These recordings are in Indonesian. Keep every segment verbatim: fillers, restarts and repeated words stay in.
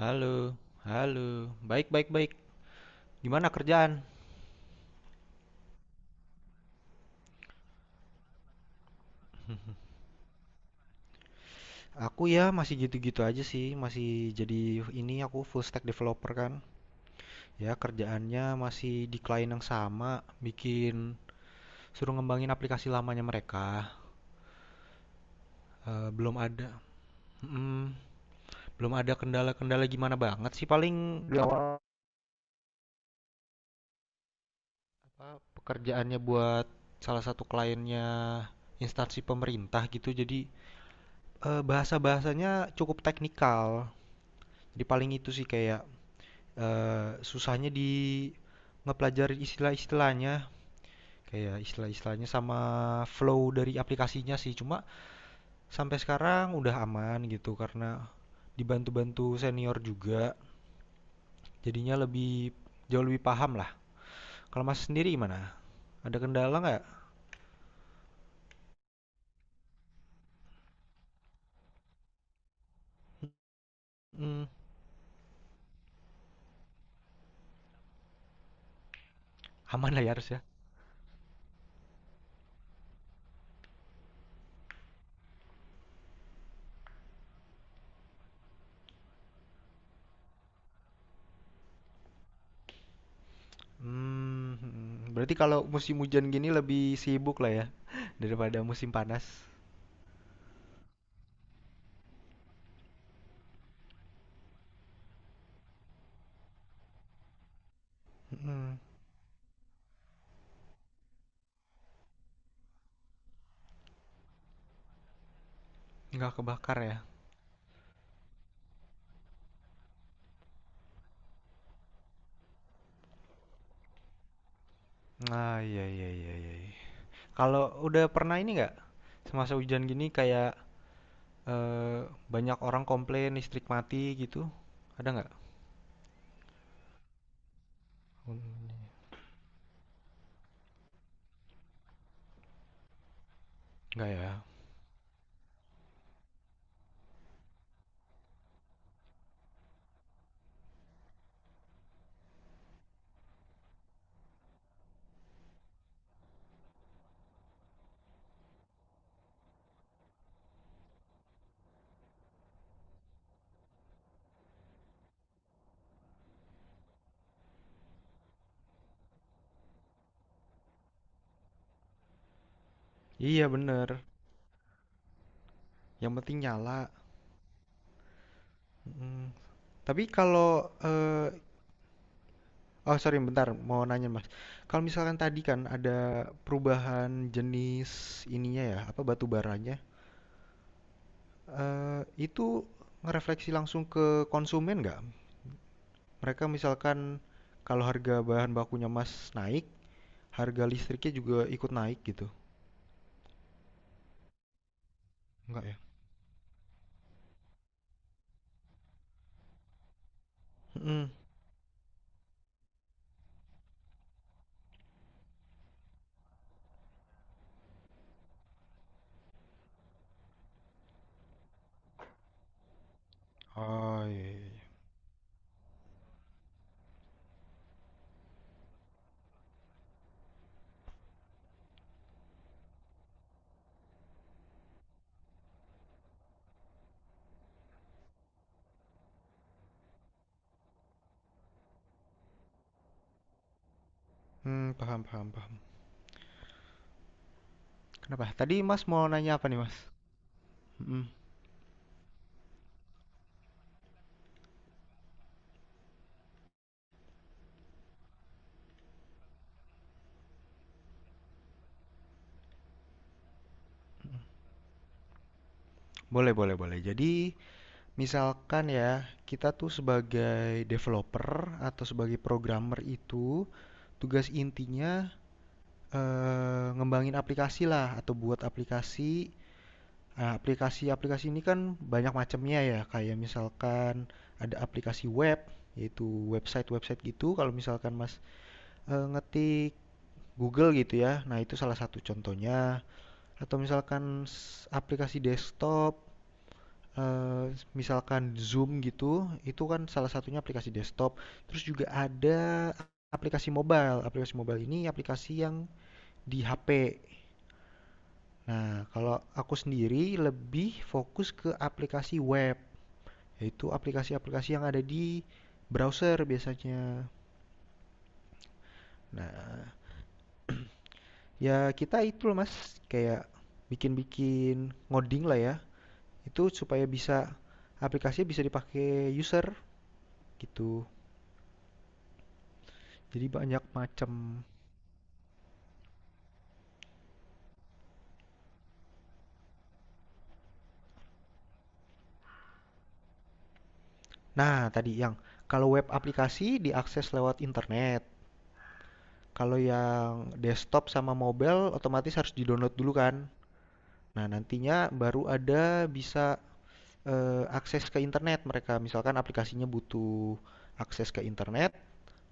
Halo, halo. Baik, baik, baik. Gimana kerjaan? Aku ya masih gitu-gitu aja sih, masih jadi ini aku full stack developer kan. Ya kerjaannya masih di klien yang sama, bikin suruh ngembangin aplikasi lamanya mereka. Eh, belum ada, mm, belum ada kendala-kendala gimana banget sih. Paling Belum. Apa pekerjaannya buat salah satu kliennya instansi pemerintah gitu, jadi eh, bahasa-bahasanya cukup teknikal. Jadi paling itu sih kayak Eee, susahnya di ngepelajari istilah-istilahnya, kayak istilah-istilahnya sama flow dari aplikasinya sih. Cuma sampai sekarang udah aman gitu karena dibantu-bantu senior juga, jadinya lebih jauh lebih paham lah. Kalau Mas sendiri gimana? Ada kendala nggak? Mmm, aman lah ya, harus ya. Mhm, berarti kalau musim hujan gini lebih sibuk lah ya daripada musim panas? Mhm, nggak kebakar ya? Ah, iya iya iya, iya. Kalau udah pernah ini nggak, semasa hujan gini kayak, eee, banyak orang komplain listrik mati gitu, ada nggak? Mmm, nggak ya? Iya bener, yang penting nyala, mhm. Tapi kalau, eee oh sorry bentar, mau nanya Mas, kalau misalkan tadi kan ada perubahan jenis ininya ya, apa, batu baranya, eee, itu ngerefleksi langsung ke konsumen nggak? Mereka misalkan kalau harga bahan bakunya Mas naik, harga listriknya juga ikut naik gitu? Enggak ya? Mhm. Oh, iya iya iya. Mmm, paham paham paham. Kenapa? Tadi Mas mau nanya apa nih Mas? Mhm. Boleh boleh boleh. Jadi, misalkan ya, kita tuh sebagai developer atau sebagai programmer itu, tugas intinya, eee, ngembangin aplikasi lah atau buat aplikasi. Eee, aplikasi-aplikasi ini kan banyak macamnya ya, kayak misalkan ada aplikasi web, yaitu website-website gitu, kalau misalkan Mas Eee, ngetik Google gitu ya. Nah, itu salah satu contohnya, atau misalkan aplikasi desktop, eee, misalkan Zoom gitu, itu kan salah satunya aplikasi desktop. Terus juga ada aplikasi mobile, aplikasi mobile ini aplikasi yang di H P. Nah, kalau aku sendiri lebih fokus ke aplikasi web, yaitu aplikasi-aplikasi yang ada di browser biasanya. Nah, ya kita itu loh Mas, kayak bikin-bikin ngoding lah ya. Itu supaya bisa aplikasinya bisa dipakai user gitu. Jadi banyak macam. Nah, tadi yang kalau web aplikasi diakses lewat internet. Kalau yang desktop sama mobile otomatis harus di-download dulu kan. Nah, nantinya baru ada bisa eh, akses ke internet mereka. Misalkan aplikasinya butuh akses ke internet,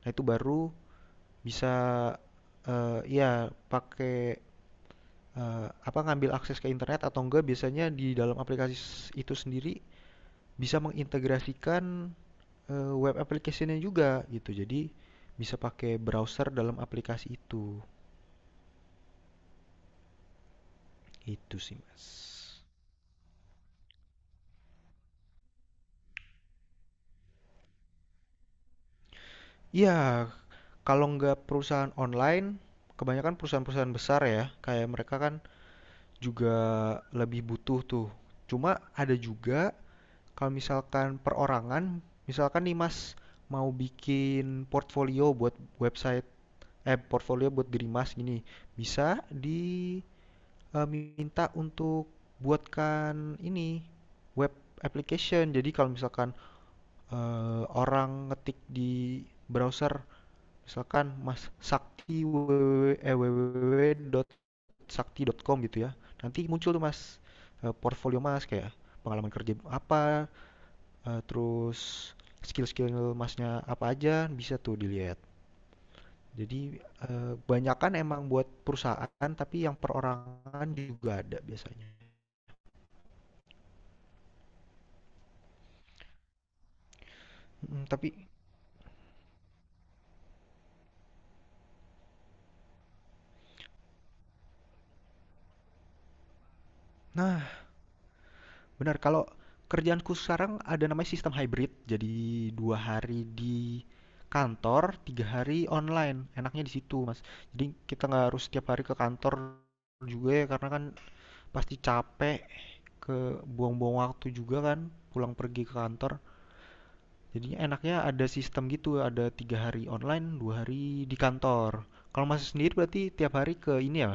nah itu baru bisa, eee, iya pakai, eee, apa, ngambil akses ke internet atau enggak, biasanya di dalam aplikasi itu sendiri bisa mengintegrasikan, eee, web application-nya juga gitu. Jadi bisa pakai browser dalam aplikasi itu, itu sih, Mas. Ya kalau nggak perusahaan online, kebanyakan perusahaan-perusahaan besar ya, kayak mereka kan juga lebih butuh tuh. Cuma ada juga. Kalau misalkan perorangan, misalkan nih Mas mau bikin portfolio buat website, eh, portfolio buat diri Mas gini, bisa diminta uh, untuk buatkan ini web application. Jadi kalau misalkan eh, orang ngetik di browser, misalkan Mas Sakti www, eh, www titik sakti titik com gitu ya, nanti muncul tuh Mas eh, portfolio Mas, kayak pengalaman kerja apa, Eh, terus skill-skill masnya apa aja bisa tuh dilihat. Jadi eh, banyakan emang buat perusahaan, tapi yang perorangan juga ada biasanya. Mm, tapi nah, benar, kalau kerjaanku sekarang ada namanya sistem hybrid. Jadi dua hari di kantor, tiga hari online. Enaknya di situ Mas. Jadi kita nggak harus setiap hari ke kantor juga ya, karena kan pasti capek, ke buang-buang waktu juga kan pulang pergi ke kantor. Jadinya enaknya ada sistem gitu, ada tiga hari online, dua hari di kantor. Kalau masih sendiri berarti tiap hari ke ini ya,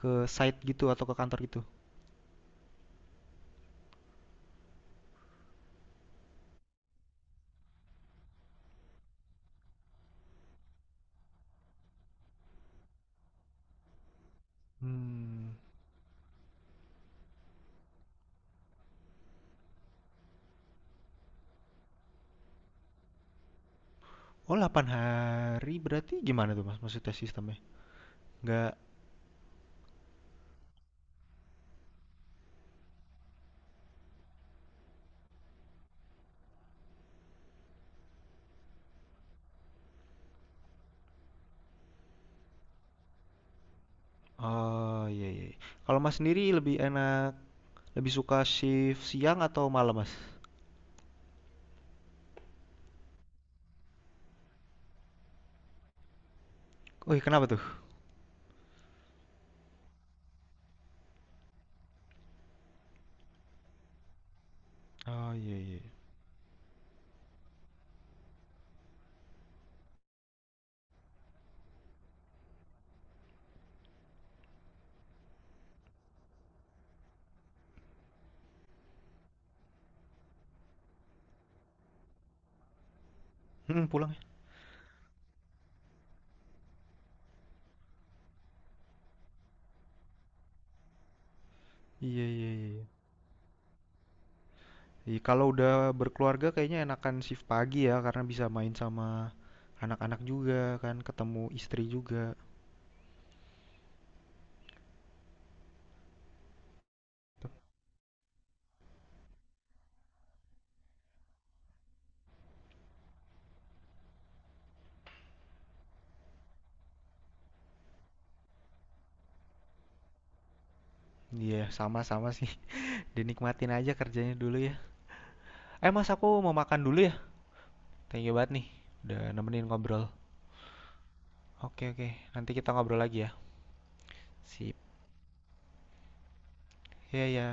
ke site gitu atau ke kantor gitu. Hmm. Oh, delapan hari berarti gimana tuh Mas, maksudnya sistemnya? Nggak, oh iya iya, iya. Kalau Mas sendiri lebih enak, lebih suka shift siang atau malam Mas? Wih, kenapa tuh? Oh iya iya. Hmm, pulang ya? Iya iya iya. Iya, kalau udah berkeluarga kayaknya enakan shift pagi ya, karena bisa main sama anak-anak juga kan, ketemu istri juga. Iya, sama-sama sih. Dinikmatin aja kerjanya dulu ya. Eh, Mas, aku mau makan dulu ya. Thank you banget nih udah nemenin ngobrol. Oke, oke. Nanti kita ngobrol lagi ya. Sip. Iya, ya.